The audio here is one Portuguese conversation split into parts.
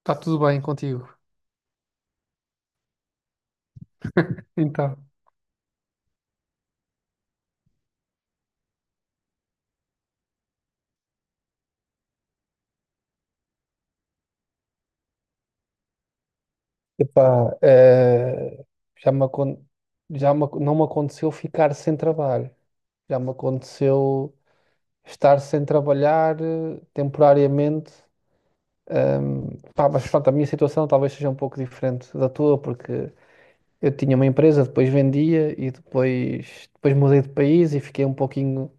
Está tudo bem contigo? Então. Epá, já me, acon- não me aconteceu ficar sem trabalho. Já me aconteceu estar sem trabalhar temporariamente. Pá, mas pronto, a minha situação talvez seja um pouco diferente da tua, porque eu tinha uma empresa, depois vendia e depois mudei de país e fiquei um pouquinho.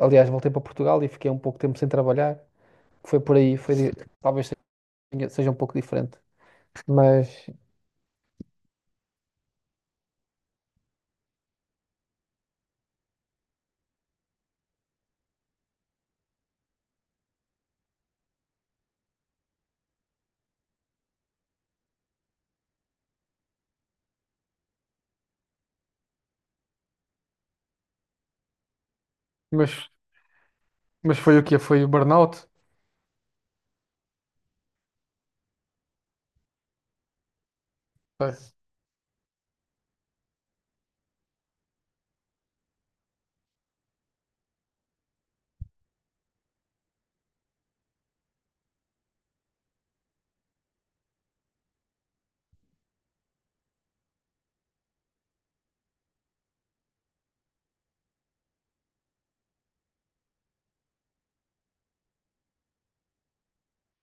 Aliás, voltei para Portugal e fiquei um pouco tempo sem trabalhar. Foi por aí, foi, talvez seja um pouco diferente. Mas mas Mas foi o quê? Foi o burnout? Foi.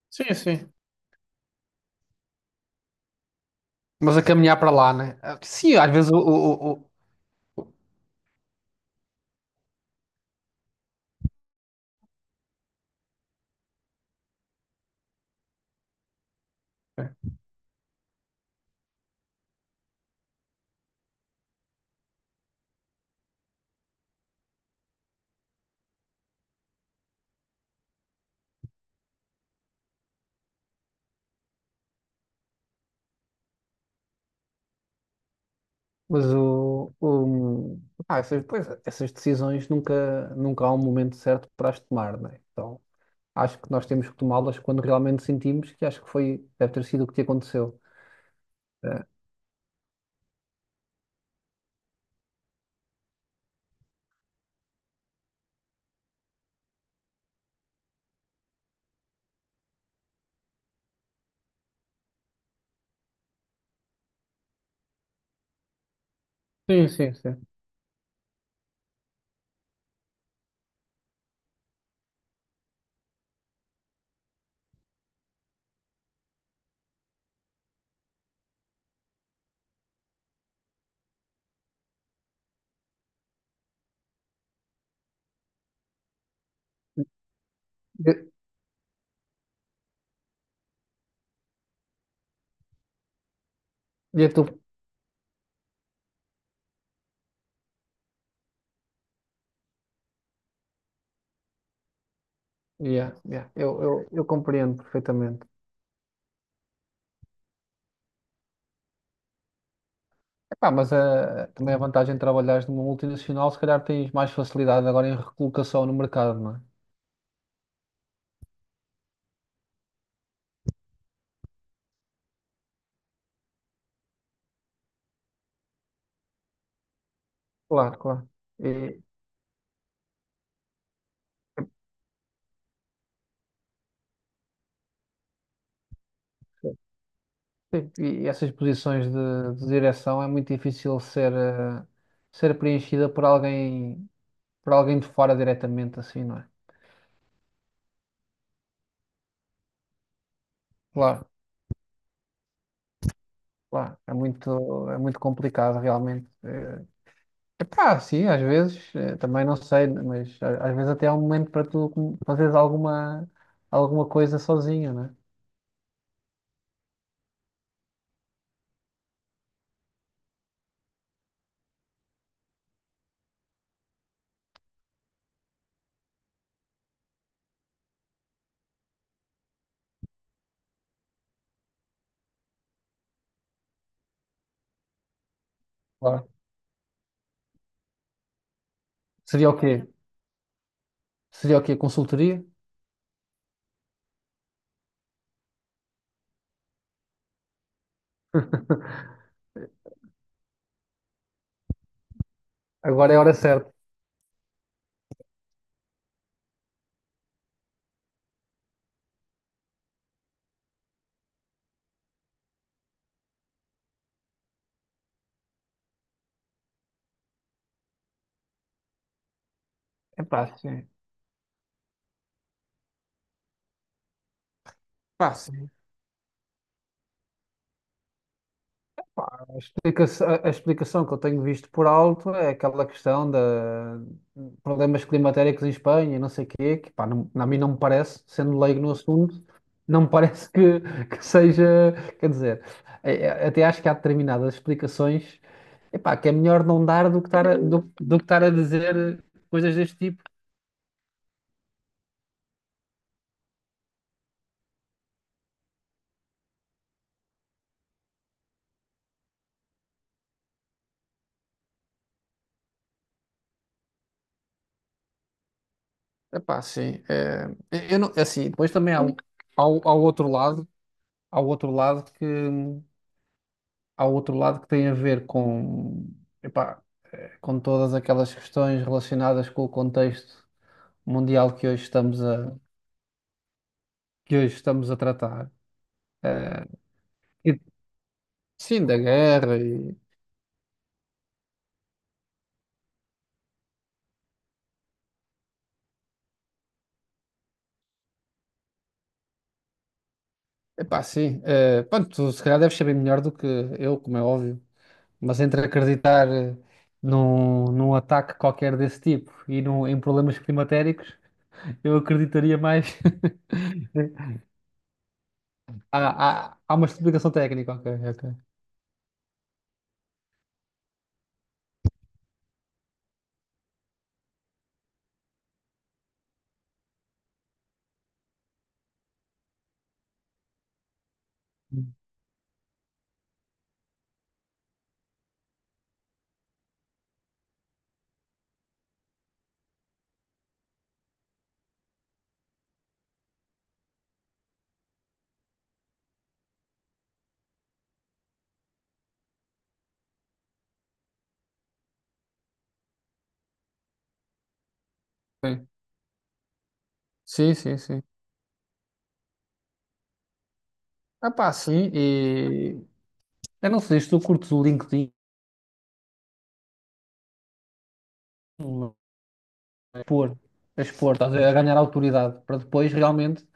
Sim, sim. Mas a caminhar para lá, né? Ah, sim, às vezes o- mas o- ah, essas, pois, essas decisões nunca, há um momento certo para as tomar, né? Então acho que nós temos que tomá-las quando realmente sentimos que acho que foi, deve ter sido o que te aconteceu. É. Sim, sim, sim. E- e é tu- Yeah, yeah. Eu compreendo perfeitamente. Epá, mas também a vantagem de trabalhares numa multinacional, se calhar tens mais facilidade agora em recolocação no mercado, não é? Claro, claro. E, e essas posições de direção é muito difícil ser preenchida por alguém de fora diretamente, assim, não é? Claro, claro. É muito complicado, realmente. Epá, sim, às vezes, também não sei, mas às vezes até há um momento para tu fazeres alguma coisa sozinho, não é? Claro. Seria o quê? Seria o quê? Consultoria? Agora é a hora certa. Epá, sim. Epá, sim. Pá, explicação que eu tenho visto por alto é aquela questão de problemas climatéricos em Espanha e não sei o quê, que pá, não, a mim não me parece, sendo leigo no assunto, não me parece que seja, quer dizer, até acho que há determinadas explicações, epá, que é melhor não dar do que do que estar a dizer coisas deste tipo. Epá, sim, é, eu não, é assim, depois também há, o- há, o- há o outro lado, há o outro lado que há outro lado que tem a ver com, epá, com todas aquelas questões relacionadas com o contexto mundial que hoje estamos a tratar. Eh, e- sim, da guerra epá, sim. Pronto, tu se calhar deves saber melhor do que eu, como é óbvio, mas entre acreditar num ataque qualquer desse tipo e em problemas climatéricos, eu acreditaria mais. Há uma explicação técnica, ok, ok. Sim, sim, sim. Sim. Ah, pá, sim, e eu não sei se tu curtes o LinkedIn, a expor, a expor, estás a ver, a ganhar autoridade, para depois realmente,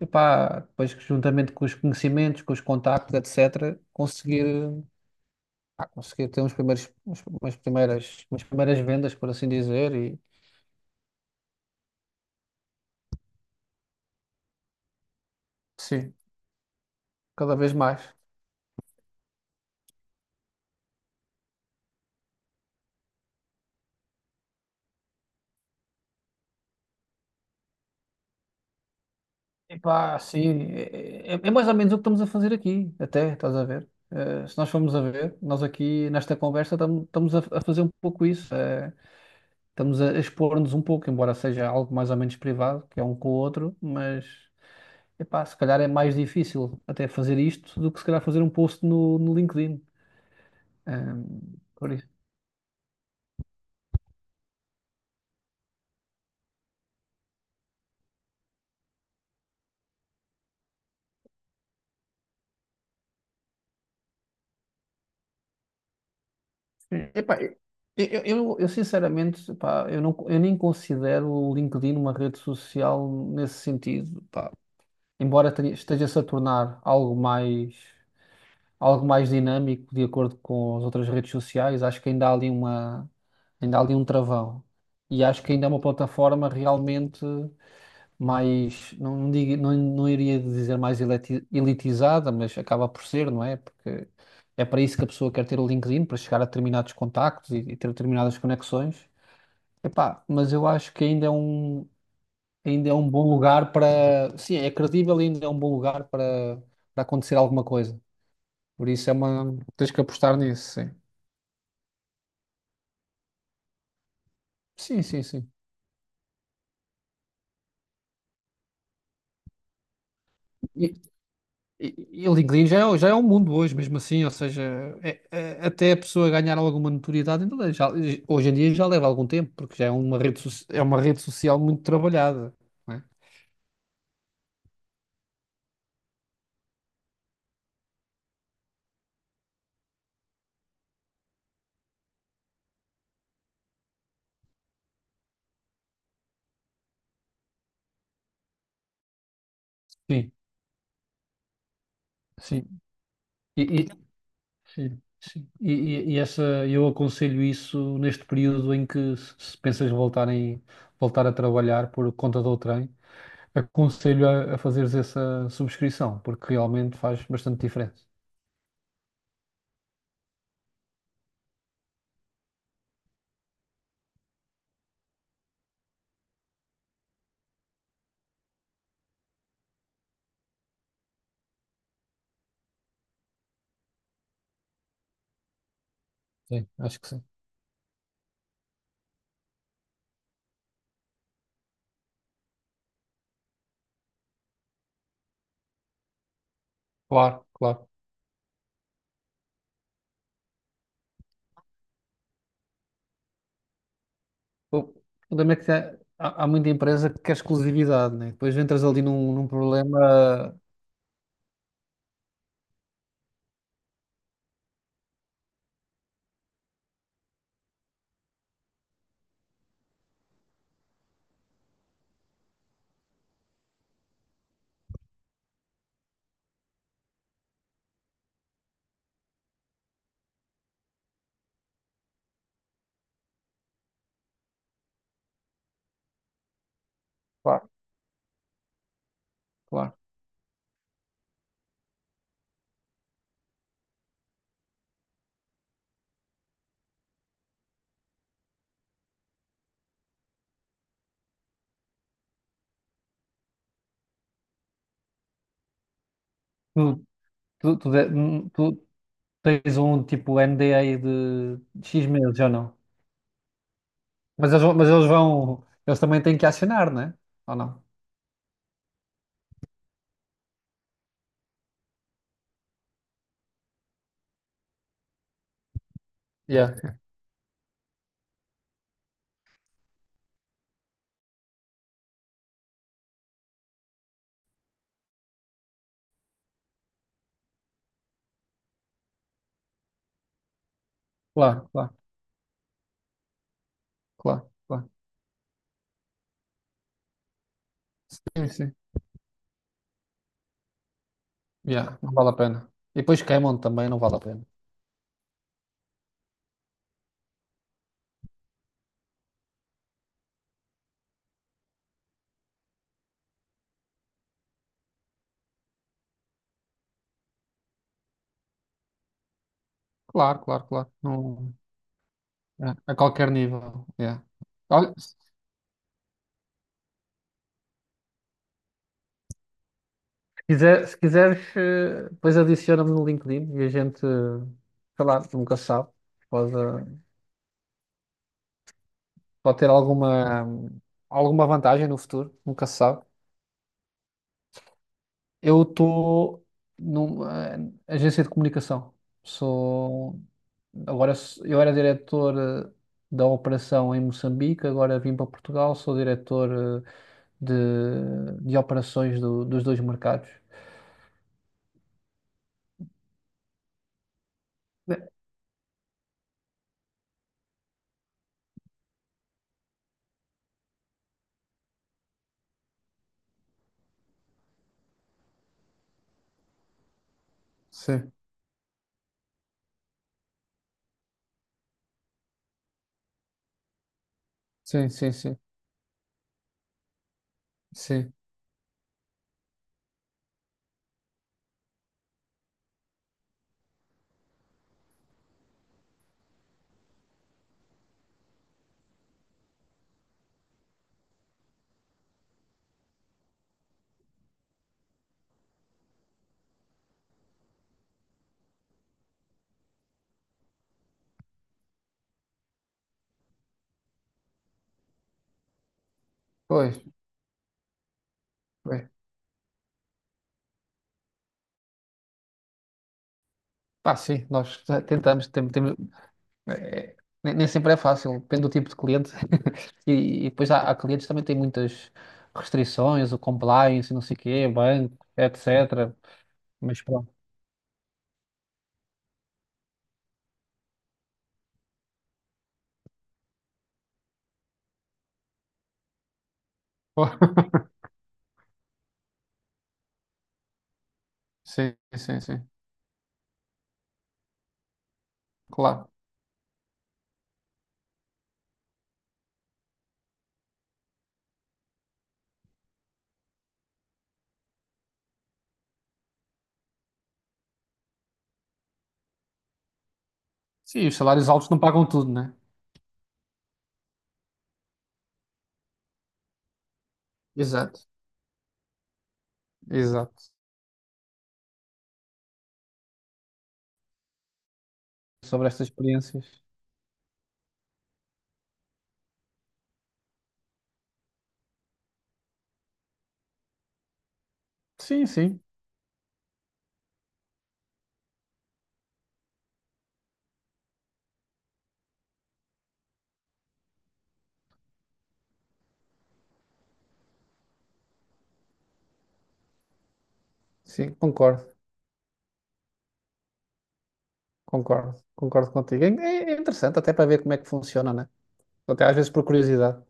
epá, depois que juntamente com os conhecimentos, com os contactos, etc., conseguir ter uns primeiros, umas primeiras vendas, por assim dizer, e sim, cada vez mais. Epá, sim, é- mais ou menos o que estamos a fazer aqui, até, estás a ver? Se nós formos a ver, nós aqui nesta conversa estamos a fazer um pouco isso. Estamos a expor-nos um pouco, embora seja algo mais ou menos privado, que é um com o outro, mas epá, se calhar é mais difícil até fazer isto do que se calhar fazer um post no LinkedIn. Por isso. Epá, eu sinceramente, epá, eu, não, eu nem considero o LinkedIn uma rede social nesse sentido, pá. Embora esteja-se a tornar algo mais, algo mais dinâmico de acordo com as outras redes sociais, acho que ainda há ali um travão. E acho que ainda é uma plataforma realmente mais, não iria dizer mais elitizada, mas acaba por ser, não é? Porque é para isso que a pessoa quer ter o LinkedIn, para chegar a determinados contactos e ter determinadas conexões. Epá, mas eu acho que ainda é um bom lugar para, sim, é credível e ainda é um bom lugar para acontecer alguma coisa. Por isso é uma. Tens que apostar nisso, sim. Sim, sim, sim. E, e o LinkedIn já é um mundo hoje, mesmo assim, ou seja, é- é- até a pessoa ganhar alguma notoriedade, ainda já, hoje em dia já leva algum tempo, porque já é uma rede, so- é uma rede social muito trabalhada, não é? Sim, sim. E, e, Sim, sim. E essa, eu aconselho isso neste período em que se pensas voltar a trabalhar por conta do trem, aconselho a fazeres essa subscrição, porque realmente faz bastante diferença. Sim, acho que sim. Claro, claro. O problema é que há muita empresa que quer exclusividade, né? Depois entras ali num problema. Claro, claro. Tu, tu tens um tipo NDA de X meses ou não? Mas eles vão. Eles também têm que acionar, não é? Ou não? Yeah. Claro, claro, claro, claro. Sim, sim. Yeah, não vale a pena. E depois queimam também, não vale a pena. Claro, claro, claro. Não, é, a qualquer nível. É. Olha, se quiseres, depois adiciona-me no LinkedIn e a gente, sei lá, nunca se sabe. Pode, eh, pode ter alguma vantagem no futuro, nunca se sabe. Eu estou numa agência de comunicação. Sou eu era diretor da operação em Moçambique. Agora vim para Portugal, sou diretor de, de operações dos dois mercados. Né? Sim, sim, sim, sim, sim. Pois, pois. Pá, sim, nós tentamos, temos, é, nem sempre é fácil, depende do tipo de cliente. E depois há clientes que também têm muitas restrições, o compliance, não sei o quê, banco, etc. Mas pronto. Sim, sim, sim. Claro. Sim, os salários altos não pagam tudo, né? Exato, exato. Sobre estas experiências. Sim, sim, sim, concordo, concordo, concordo contigo. É interessante até para ver como é que funciona, né? Até às vezes por curiosidade.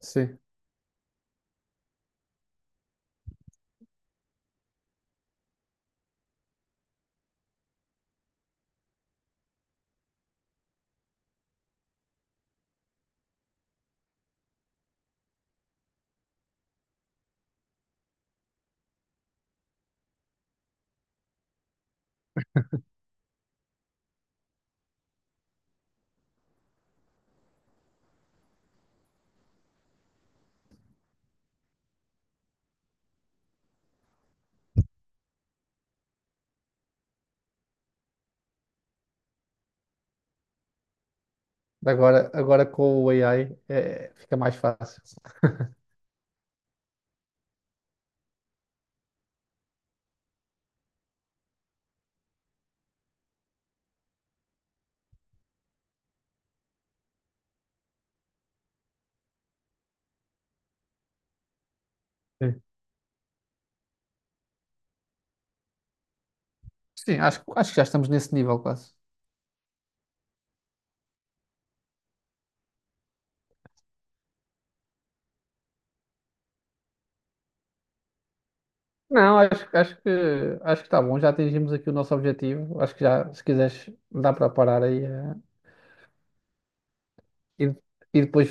Sim. Agora com o AI fica mais fácil. Sim. Sim, acho que já estamos nesse nível quase. Não, acho que está bom, já atingimos aqui o nosso objetivo. Acho que já, se quiseres, dá para parar aí, e, e depois